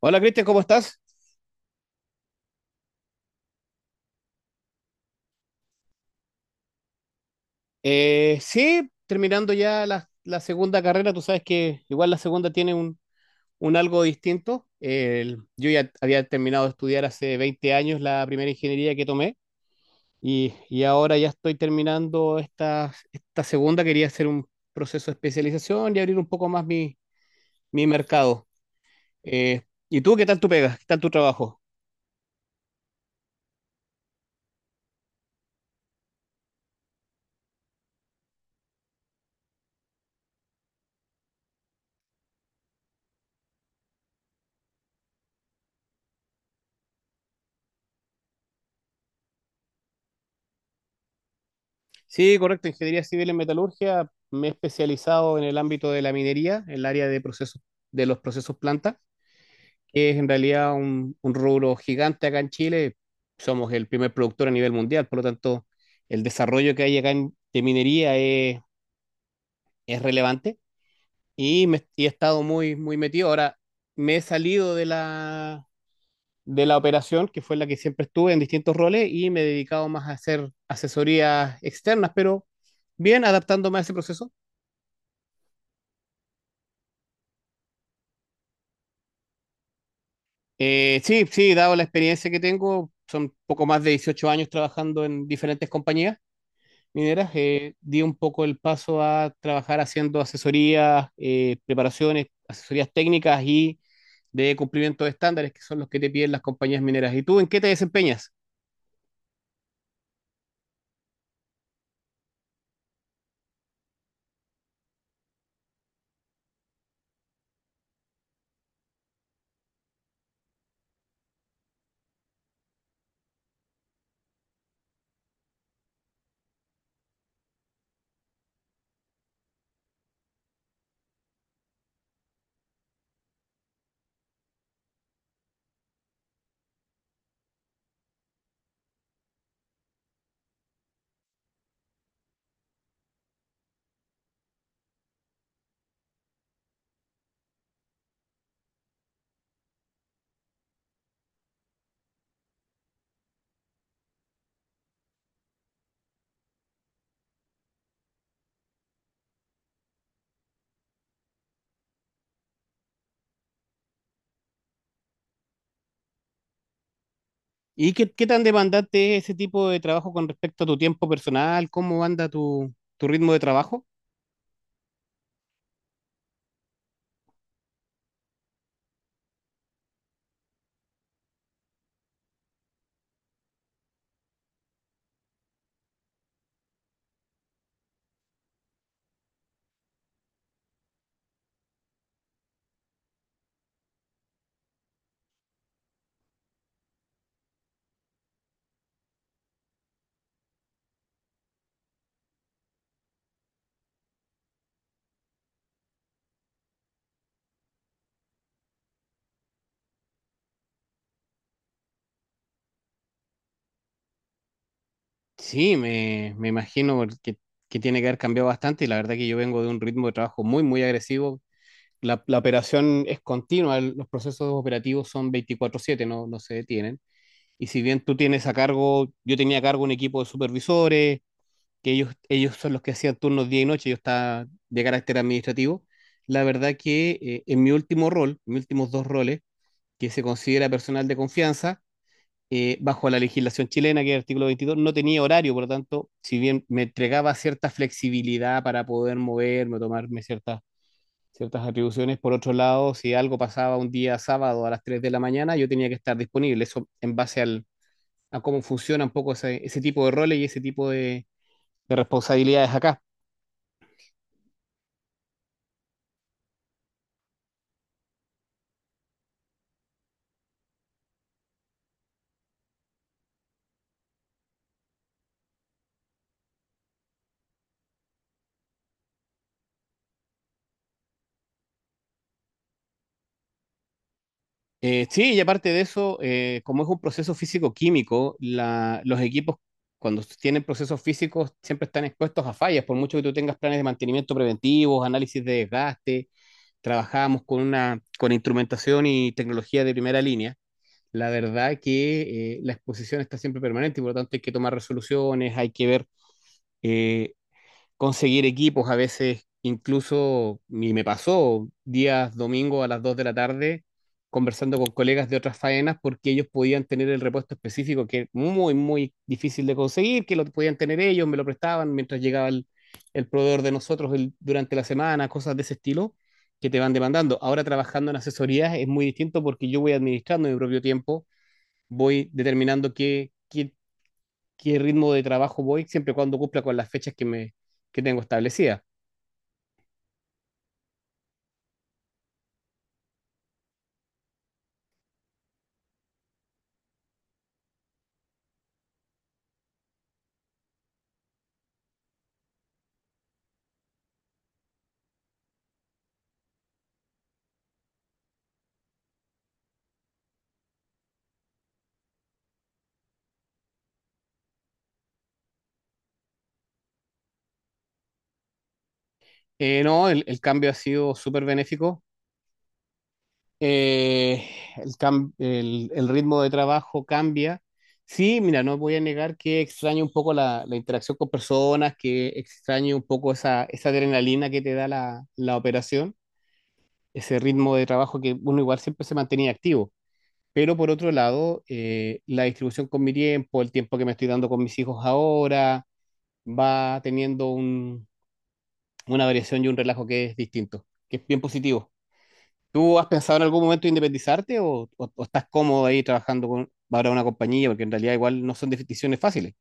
Hola Cristian, ¿cómo estás? Sí, terminando ya la segunda carrera, tú sabes que igual la segunda tiene un algo distinto. Yo ya había terminado de estudiar hace 20 años la primera ingeniería que tomé y, ahora ya estoy terminando esta segunda. Quería hacer un proceso de especialización y abrir un poco más mi mercado. Eh, ¿Y tú qué tal tu pega? ¿Qué tal tu trabajo? Sí, correcto. Ingeniería civil en metalurgia. Me he especializado en el ámbito de la minería, en el área de procesos, de los procesos planta, que es en realidad un rubro gigante acá en Chile. Somos el primer productor a nivel mundial, por lo tanto, el desarrollo que hay acá de minería es relevante y, y he estado muy, muy metido. Ahora me he salido de de la operación, que fue la que siempre estuve en distintos roles, y me he dedicado más a hacer asesorías externas, pero bien adaptándome a ese proceso. Sí, dado la experiencia que tengo, son poco más de 18 años trabajando en diferentes compañías mineras, di un poco el paso a trabajar haciendo asesorías, preparaciones, asesorías técnicas y de cumplimiento de estándares, que son los que te piden las compañías mineras. ¿Y tú en qué te desempeñas? ¿Y qué tan demandante es ese tipo de trabajo con respecto a tu tiempo personal? ¿Cómo anda tu ritmo de trabajo? Sí, me imagino que tiene que haber cambiado bastante y la verdad que yo vengo de un ritmo de trabajo muy, muy agresivo. La operación es continua, los procesos operativos son 24/7, no, no se detienen. Y si bien tú tienes a cargo, yo tenía a cargo un equipo de supervisores, que ellos son los que hacían turnos día y noche, yo estaba de carácter administrativo. La verdad que en mi último rol, mis últimos dos roles, que se considera personal de confianza, bajo la legislación chilena, que es el artículo 22, no tenía horario, por lo tanto, si bien me entregaba cierta flexibilidad para poder moverme, tomarme ciertas atribuciones. Por otro lado, si algo pasaba un día sábado a las 3 de la mañana, yo tenía que estar disponible. Eso en base a cómo funciona un poco ese tipo de roles y ese tipo de responsabilidades acá. Sí, y aparte de eso, como es un proceso físico-químico, los equipos cuando tienen procesos físicos siempre están expuestos a fallas, por mucho que tú tengas planes de mantenimiento preventivos, análisis de desgaste. Trabajamos con con instrumentación y tecnología de primera línea. La verdad que la exposición está siempre permanente y por lo tanto hay que tomar resoluciones, hay que ver, eh, conseguir equipos. A veces, incluso, y me pasó días domingo a las 2 de la tarde conversando con colegas de otras faenas porque ellos podían tener el repuesto específico que es muy, muy difícil de conseguir, que lo podían tener ellos, me lo prestaban mientras llegaba el proveedor de nosotros durante la semana, cosas de ese estilo que te van demandando. Ahora trabajando en asesorías es muy distinto porque yo voy administrando mi propio tiempo, voy determinando qué ritmo de trabajo voy, siempre y cuando cumpla con las fechas que tengo establecidas. No, el cambio ha sido súper benéfico. Eh, el ritmo de trabajo cambia. Sí, mira, no voy a negar que extraño un poco la interacción con personas, que extraño un poco esa adrenalina que te da la operación, ese ritmo de trabajo que uno igual siempre se mantenía activo. Pero por otro lado, la distribución con mi tiempo, el tiempo que me estoy dando con mis hijos ahora, va teniendo una variación y un relajo que es distinto, que es bien positivo. ¿Tú has pensado en algún momento independizarte o estás cómodo ahí trabajando con para una compañía? Porque en realidad igual no son decisiones fáciles.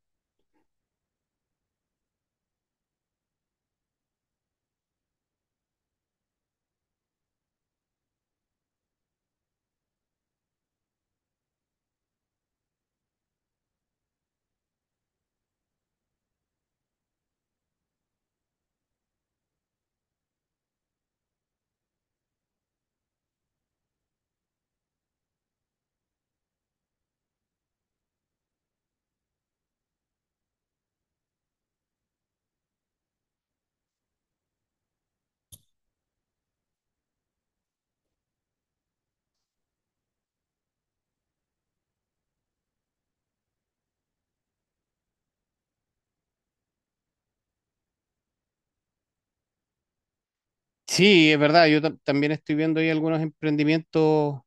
Sí, es verdad, yo también estoy viendo ahí algunos emprendimientos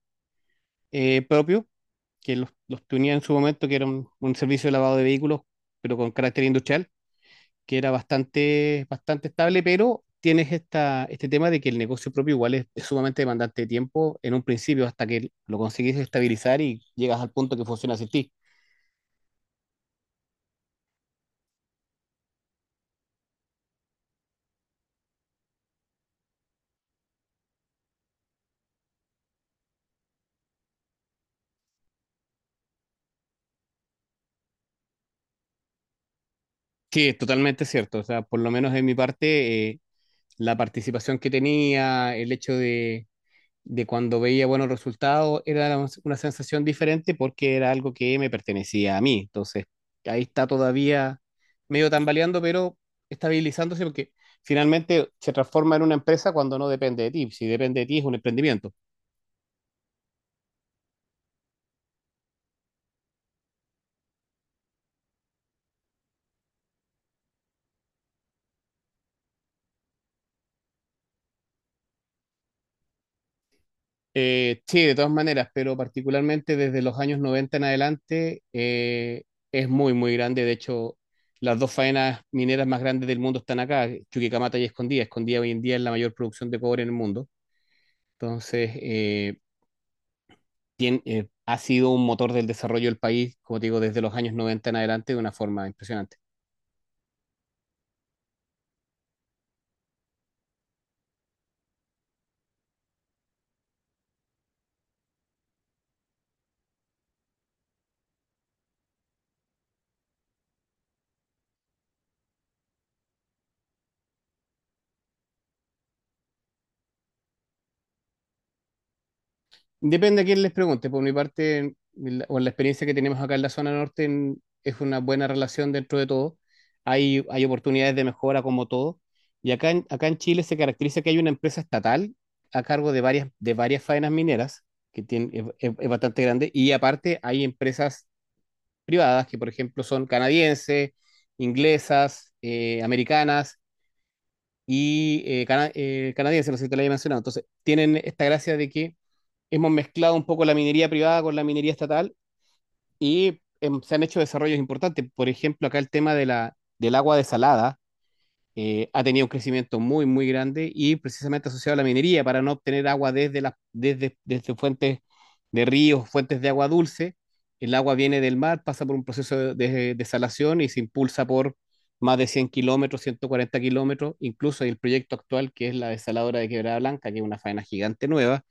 propios que los tenía en su momento, que era un servicio de lavado de vehículos, pero con carácter industrial. Que era bastante, bastante estable, pero tienes este tema de que el negocio propio igual es sumamente demandante de tiempo en un principio hasta que lo conseguís estabilizar y llegas al punto que funciona sin ti. Sí, es totalmente cierto. O sea, por lo menos en mi parte, la participación que tenía, el hecho de cuando veía buenos resultados, era una sensación diferente porque era algo que me pertenecía a mí. Entonces, ahí está todavía medio tambaleando, pero estabilizándose porque finalmente se transforma en una empresa cuando no depende de ti. Si depende de ti es un emprendimiento. Sí, de todas maneras, pero particularmente desde los años 90 en adelante es muy, muy grande. De hecho, las dos faenas mineras más grandes del mundo están acá, Chuquicamata y Escondida. Escondida hoy en día es la mayor producción de cobre en el mundo. Entonces, ha sido un motor del desarrollo del país, como te digo, desde los años 90 en adelante de una forma impresionante. Depende a quién les pregunte, por mi parte, en la- o en la experiencia que tenemos acá en la zona norte, es una buena relación dentro de todo. Hay oportunidades de mejora como todo. Y acá en Chile se caracteriza que hay una empresa estatal a cargo de de varias faenas mineras, que tiene, es bastante grande, y aparte hay empresas privadas, que por ejemplo son canadienses, inglesas, americanas y canadienses, no sé si te lo había mencionado. Entonces, tienen esta gracia de que hemos mezclado un poco la minería privada con la minería estatal y se han hecho desarrollos importantes. Por ejemplo, acá el tema de del agua desalada ha tenido un crecimiento muy, muy grande y precisamente asociado a la minería para no obtener agua desde fuentes de ríos, fuentes de agua dulce. El agua viene del mar, pasa por un proceso de desalación y se impulsa por más de 100 kilómetros, 140 kilómetros, incluso el proyecto actual que es la desaladora de Quebrada Blanca, que es una faena gigante nueva,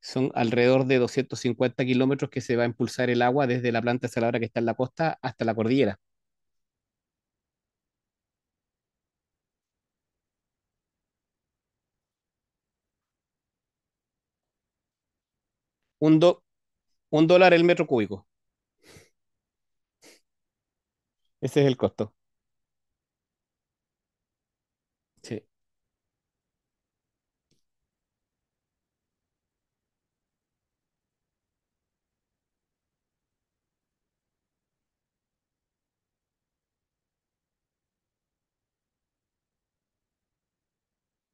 son alrededor de 250 kilómetros que se va a impulsar el agua desde la planta desaladora que está en la costa hasta la cordillera. Un, do, un dólar el metro cúbico, ese es el costo. Sí.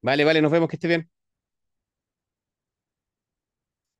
Vale, vale, nos vemos, que esté bien.